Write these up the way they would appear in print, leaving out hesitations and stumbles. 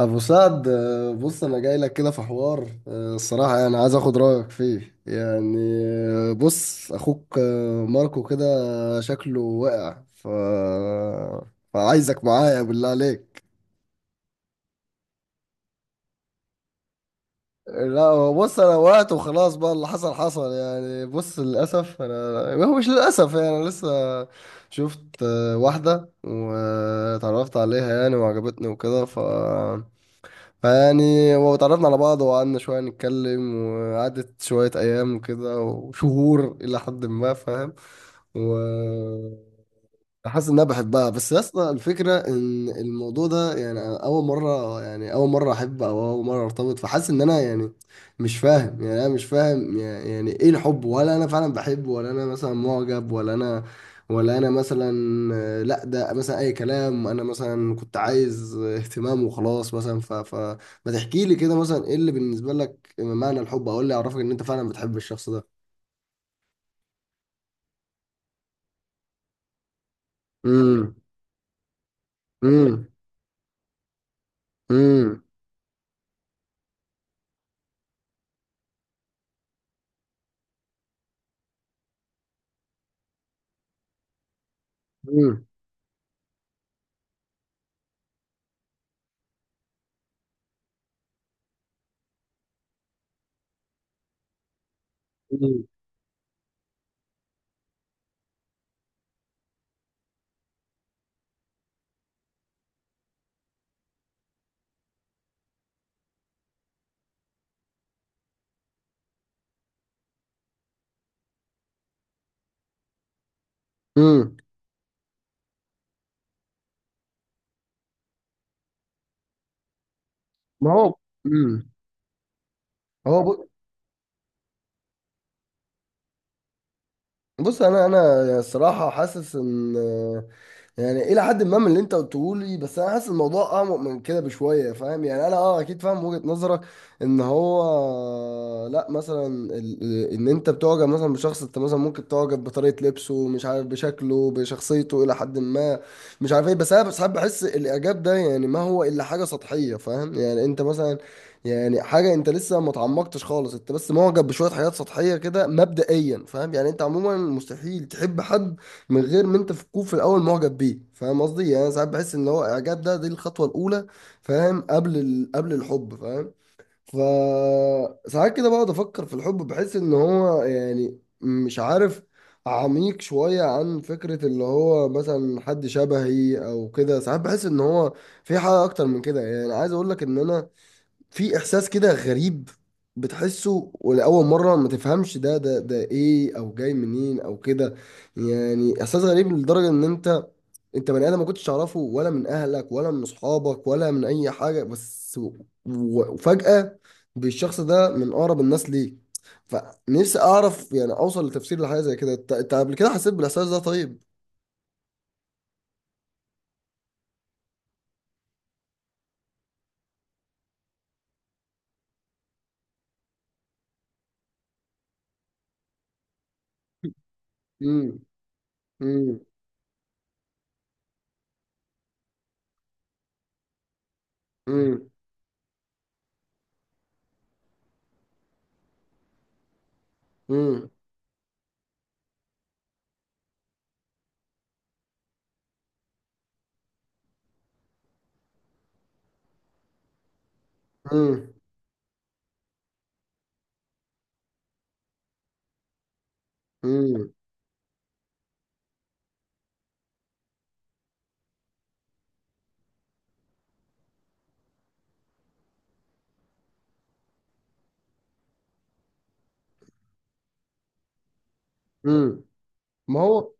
ابو سعد، بص انا جاي لك كده في حوار، الصراحه يعني عايز اخد رايك فيه يعني. بص اخوك، ماركو كده شكله وقع فعايزك معايا بالله عليك. لا، هو بص انا وقعت وخلاص، بقى اللي حصل حصل يعني. بص، للاسف انا هو مش، للاسف يعني انا لسه شفت، واحده واتعرفت عليها يعني، وعجبتني وكده فيعني وتعرفنا على بعض، وقعدنا شوية نتكلم، وقعدت شوية أيام وكده وشهور إلى حد ما، فاهم؟ و حاسس ان انا بحبها. بس يا اسطى، الفكره ان الموضوع ده يعني أنا اول مره، يعني اول مره احب او اول مره ارتبط، فحاسس ان انا يعني مش فاهم، يعني انا مش فاهم يعني ايه الحب، ولا انا فعلا بحب، ولا انا مثلا معجب، ولا انا ولا انا مثلا، لا، ده مثلا اي كلام. انا مثلا كنت عايز اهتمام وخلاص مثلا، ف ف ما تحكي لي كده مثلا ايه اللي بالنسبه لك معنى الحب، او إيه اللي يعرفك ان انت فعلا بتحب الشخص ده؟ امم. امم. امم. امم. ما هو. امم. هو بص، انا يعني الصراحه حاسس ان يعني الى حد ما من اللي انت قلته لي، بس انا حاسس الموضوع اعمق من كده بشويه. فاهم يعني، انا اكيد فاهم وجهه نظرك، ان هو لا مثلا، ان انت بتعجب مثلا بشخص، انت مثلا ممكن تعجب بطريقه لبسه، مش عارف بشكله بشخصيته الى حد ما، مش عارف ايه. بس انا ساعات بحس الاعجاب ده يعني ما هو الا حاجه سطحيه. فاهم يعني، انت مثلا، يعني حاجه انت لسه ما اتعمقتش خالص، انت بس معجب بشويه حاجات سطحيه كده مبدئيا. فاهم يعني، انت عموما مستحيل تحب حد من غير ما انت تكون في الاول معجب بيه. فاهم قصدي يعني، انا ساعات بحس ان هو اعجاب ده دي الخطوه الاولى، فاهم، قبل الحب، فاهم. ف ساعات كده بقعد افكر في الحب، بحس ان هو يعني مش عارف، عميق شويه عن فكره اللي هو مثلا حد شبهي او كده. ساعات بحس ان هو في حاجه اكتر من كده. يعني عايز اقول لك ان انا في احساس كده غريب، بتحسه ولاول مره ما تفهمش ده ايه او جاي منين او كده. يعني احساس غريب لدرجه ان انت، بني ادم ما كنتش تعرفه ولا من اهلك ولا من اصحابك ولا من اي حاجه، بس وفجاه بالشخص ده من اقرب الناس ليك. فنفسي اعرف يعني اوصل لتفسير لحاجه زي كده. أنت قبل كده حسيت بالاحساس ده، طيب؟ امم. امم. امم. امم. امم. امم. ما هو.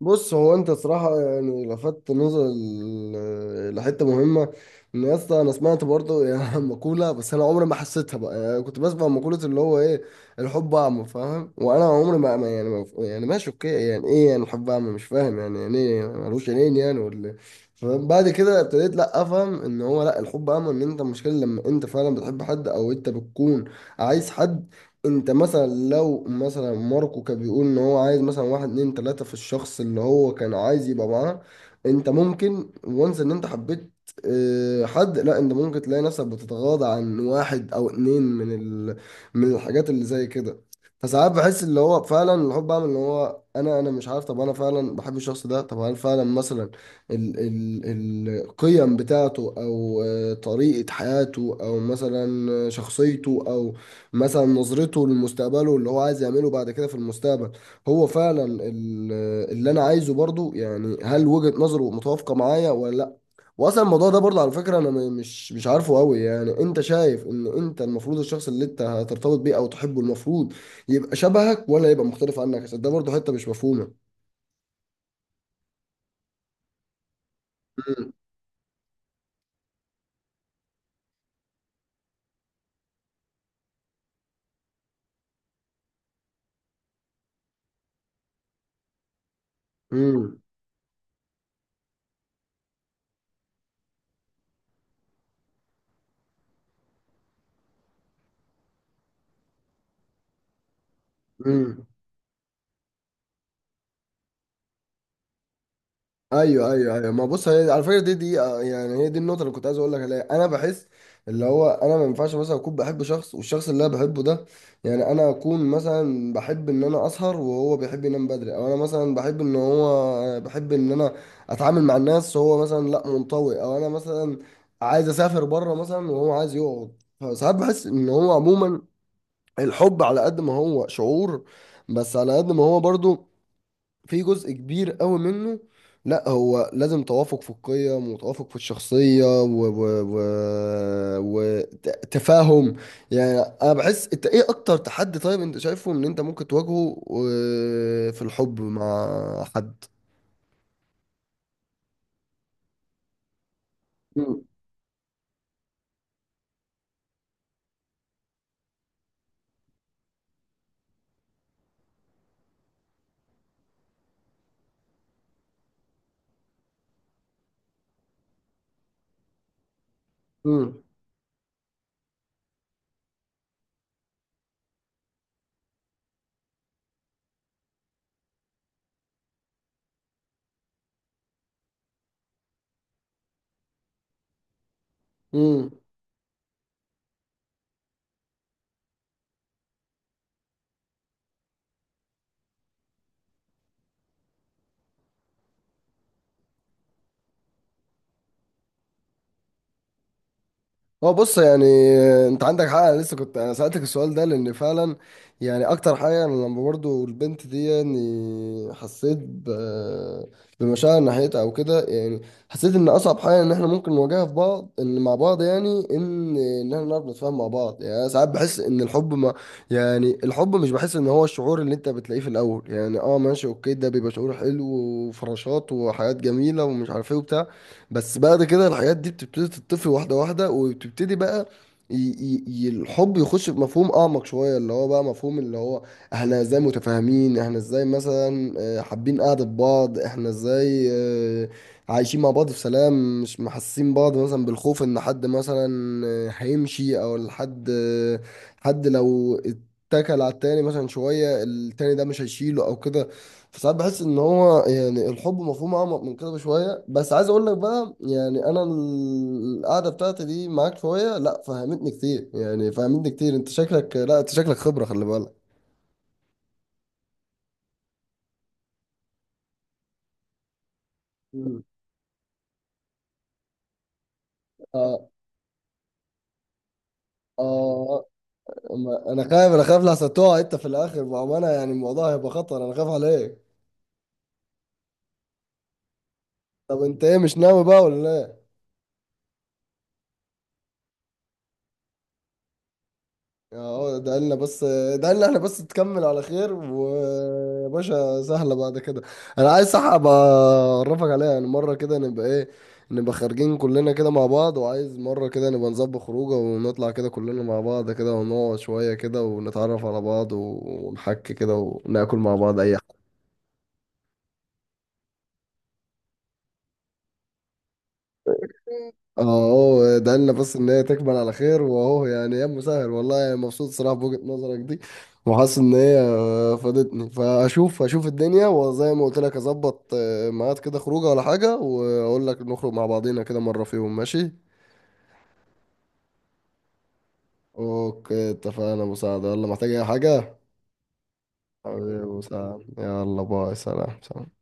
بص، هو انت صراحة يعني لفت نظر لحتة مهمة، ان يا اسطى، انا سمعت برضه يعني مقولة، بس انا عمري ما حسيتها بقى. يعني كنت بسمع مقولة اللي هو ايه، الحب اعمى. فاهم؟ وانا عمري ما يعني ما، يعني ماشي اوكي، يعني ايه يعني الحب اعمى؟ مش فاهم يعني ايه ملوش عينين يعني، ولا إيه؟ فاهم. بعد كده ابتديت، لا افهم ان هو لا، الحب اعمى ان انت المشكلة لما انت فعلا بتحب حد، او انت بتكون عايز حد. انت مثلا، لو مثلا ماركو كان بيقول ان هو عايز مثلا واحد اتنين تلاتة في الشخص اللي هو كان عايز يبقى معاه، انت ممكن وانس ان انت حبيت، اه، حد. لا، انت ممكن تلاقي نفسك بتتغاضى عن واحد او اتنين من من الحاجات اللي زي كده. فساعات بحس اللي هو فعلا الحب بعمل اللي هو، انا مش عارف طب انا فعلا بحب الشخص ده؟ طب هل فعلا مثلا القيم بتاعته، او طريقة حياته، او مثلا شخصيته، او مثلا نظرته لمستقبله اللي هو عايز يعمله بعد كده في المستقبل، هو فعلا اللي انا عايزه برضو؟ يعني هل وجهة نظره متوافقة معايا ولا لا؟ واصلا الموضوع ده برضو على فكرة، انا مش عارفه قوي. يعني انت شايف ان انت المفروض الشخص اللي انت هترتبط بيه او تحبه المفروض يبقى شبهك، ولا يبقى مختلف عنك؟ عشان ده برضو حتة مش مفهومة. امم. امم. ايوه، ايوه، ايوه. ما بص، هي على فكره، دي يعني هي دي النقطه اللي كنت عايز اقول لك عليها. انا بحس اللي هو انا ما ينفعش مثلا اكون بحب شخص، والشخص اللي انا بحبه ده، يعني انا اكون مثلا بحب ان انا اسهر وهو بيحب ينام بدري، او انا مثلا بحب ان هو بحب ان انا اتعامل مع الناس وهو مثلا لا، منطوي، او انا مثلا عايز اسافر بره مثلا وهو عايز يقعد. فساعات بحس ان هو عموما الحب على قد ما هو شعور، بس على قد ما هو برضو في جزء كبير قوي منه، لا، هو لازم توافق في القيم وتوافق في الشخصية و وتفاهم. يعني انا بحس، انت ايه اكتر تحدي طيب انت شايفه ان انت ممكن تواجهه في الحب مع حد؟ مم. مم. مم. هو بص يعني، انت عندك حق. انا لسه كنت انا سألتك السؤال ده لان فعلا يعني اكتر حاجه، انا لما برضو البنت دي يعني حسيت بمشاعر ناحيتها او كده يعني، حسيت ان اصعب حاجه ان احنا ممكن نواجهها في بعض ان مع بعض، يعني ان احنا نعرف نتفاهم مع بعض. يعني انا ساعات بحس ان الحب ما، يعني الحب مش بحس ان هو الشعور اللي انت بتلاقيه في الاول يعني. اه ماشي اوكي، ده بيبقى شعور حلو وفراشات وحاجات جميله ومش عارف ايه وبتاع. بس بعد كده الحاجات دي بتبتدي تتطفي واحدة واحدة، وبتبتدي بقى الحب يخش في مفهوم أعمق شوية، اللي هو بقى مفهوم اللي هو احنا ازاي متفاهمين، احنا ازاي مثلا حابين قعدة بعض، احنا ازاي عايشين مع بعض في سلام، مش محسين بعض مثلا بالخوف ان حد مثلا هيمشي، او الحد حد لو اتكل على التاني مثلا شوية التاني ده مش هيشيله او كده. فساعات بحس ان هو يعني الحب مفهوم اعمق من كده بشويه. بس عايز اقول لك بقى يعني، انا القعده بتاعتي دي معاك شويه، لا، فهمتني كتير يعني، فهمتني كتير. انت شكلك، لا، انت شكلك خبره، خلي بالك. مم. اه، اه. انا خايف، انا خايف لحسن تقع انت في الاخر، بامانه يعني الموضوع هيبقى خطر، انا خايف عليك. طب انت ايه، مش ناوي بقى ولا؟ اه، ده قالنا بس، ده قالنا احنا بس تكمل على خير وباشا سهلة بعد كده. انا عايز صح ابقى اعرفك عليها يعني. مرة كده نبقى ايه، نبقى خارجين كلنا كده مع بعض. وعايز مرة كده نبقى نظبط خروجه ونطلع كده كلنا مع بعض كده، ونقعد شوية كده ونتعرف على بعض ونحكي كده وناكل مع بعض، اي. اهو ده لنا بس ان هي تكمل على خير، واهو يعني يا مسهل والله. يعني مبسوط صراحه بوجهه نظرك دي، وحاسس ان هي فادتني. فاشوف الدنيا، وزي ما قلت لك اظبط ميعاد كده خروجه ولا حاجه، واقول لك نخرج مع بعضينا كده مره، فيهم ماشي. اوكي، اتفقنا. مساعده يلا، محتاج اي حاجه؟ حبيبي، مساعد يلا، باي، سلام، سلام.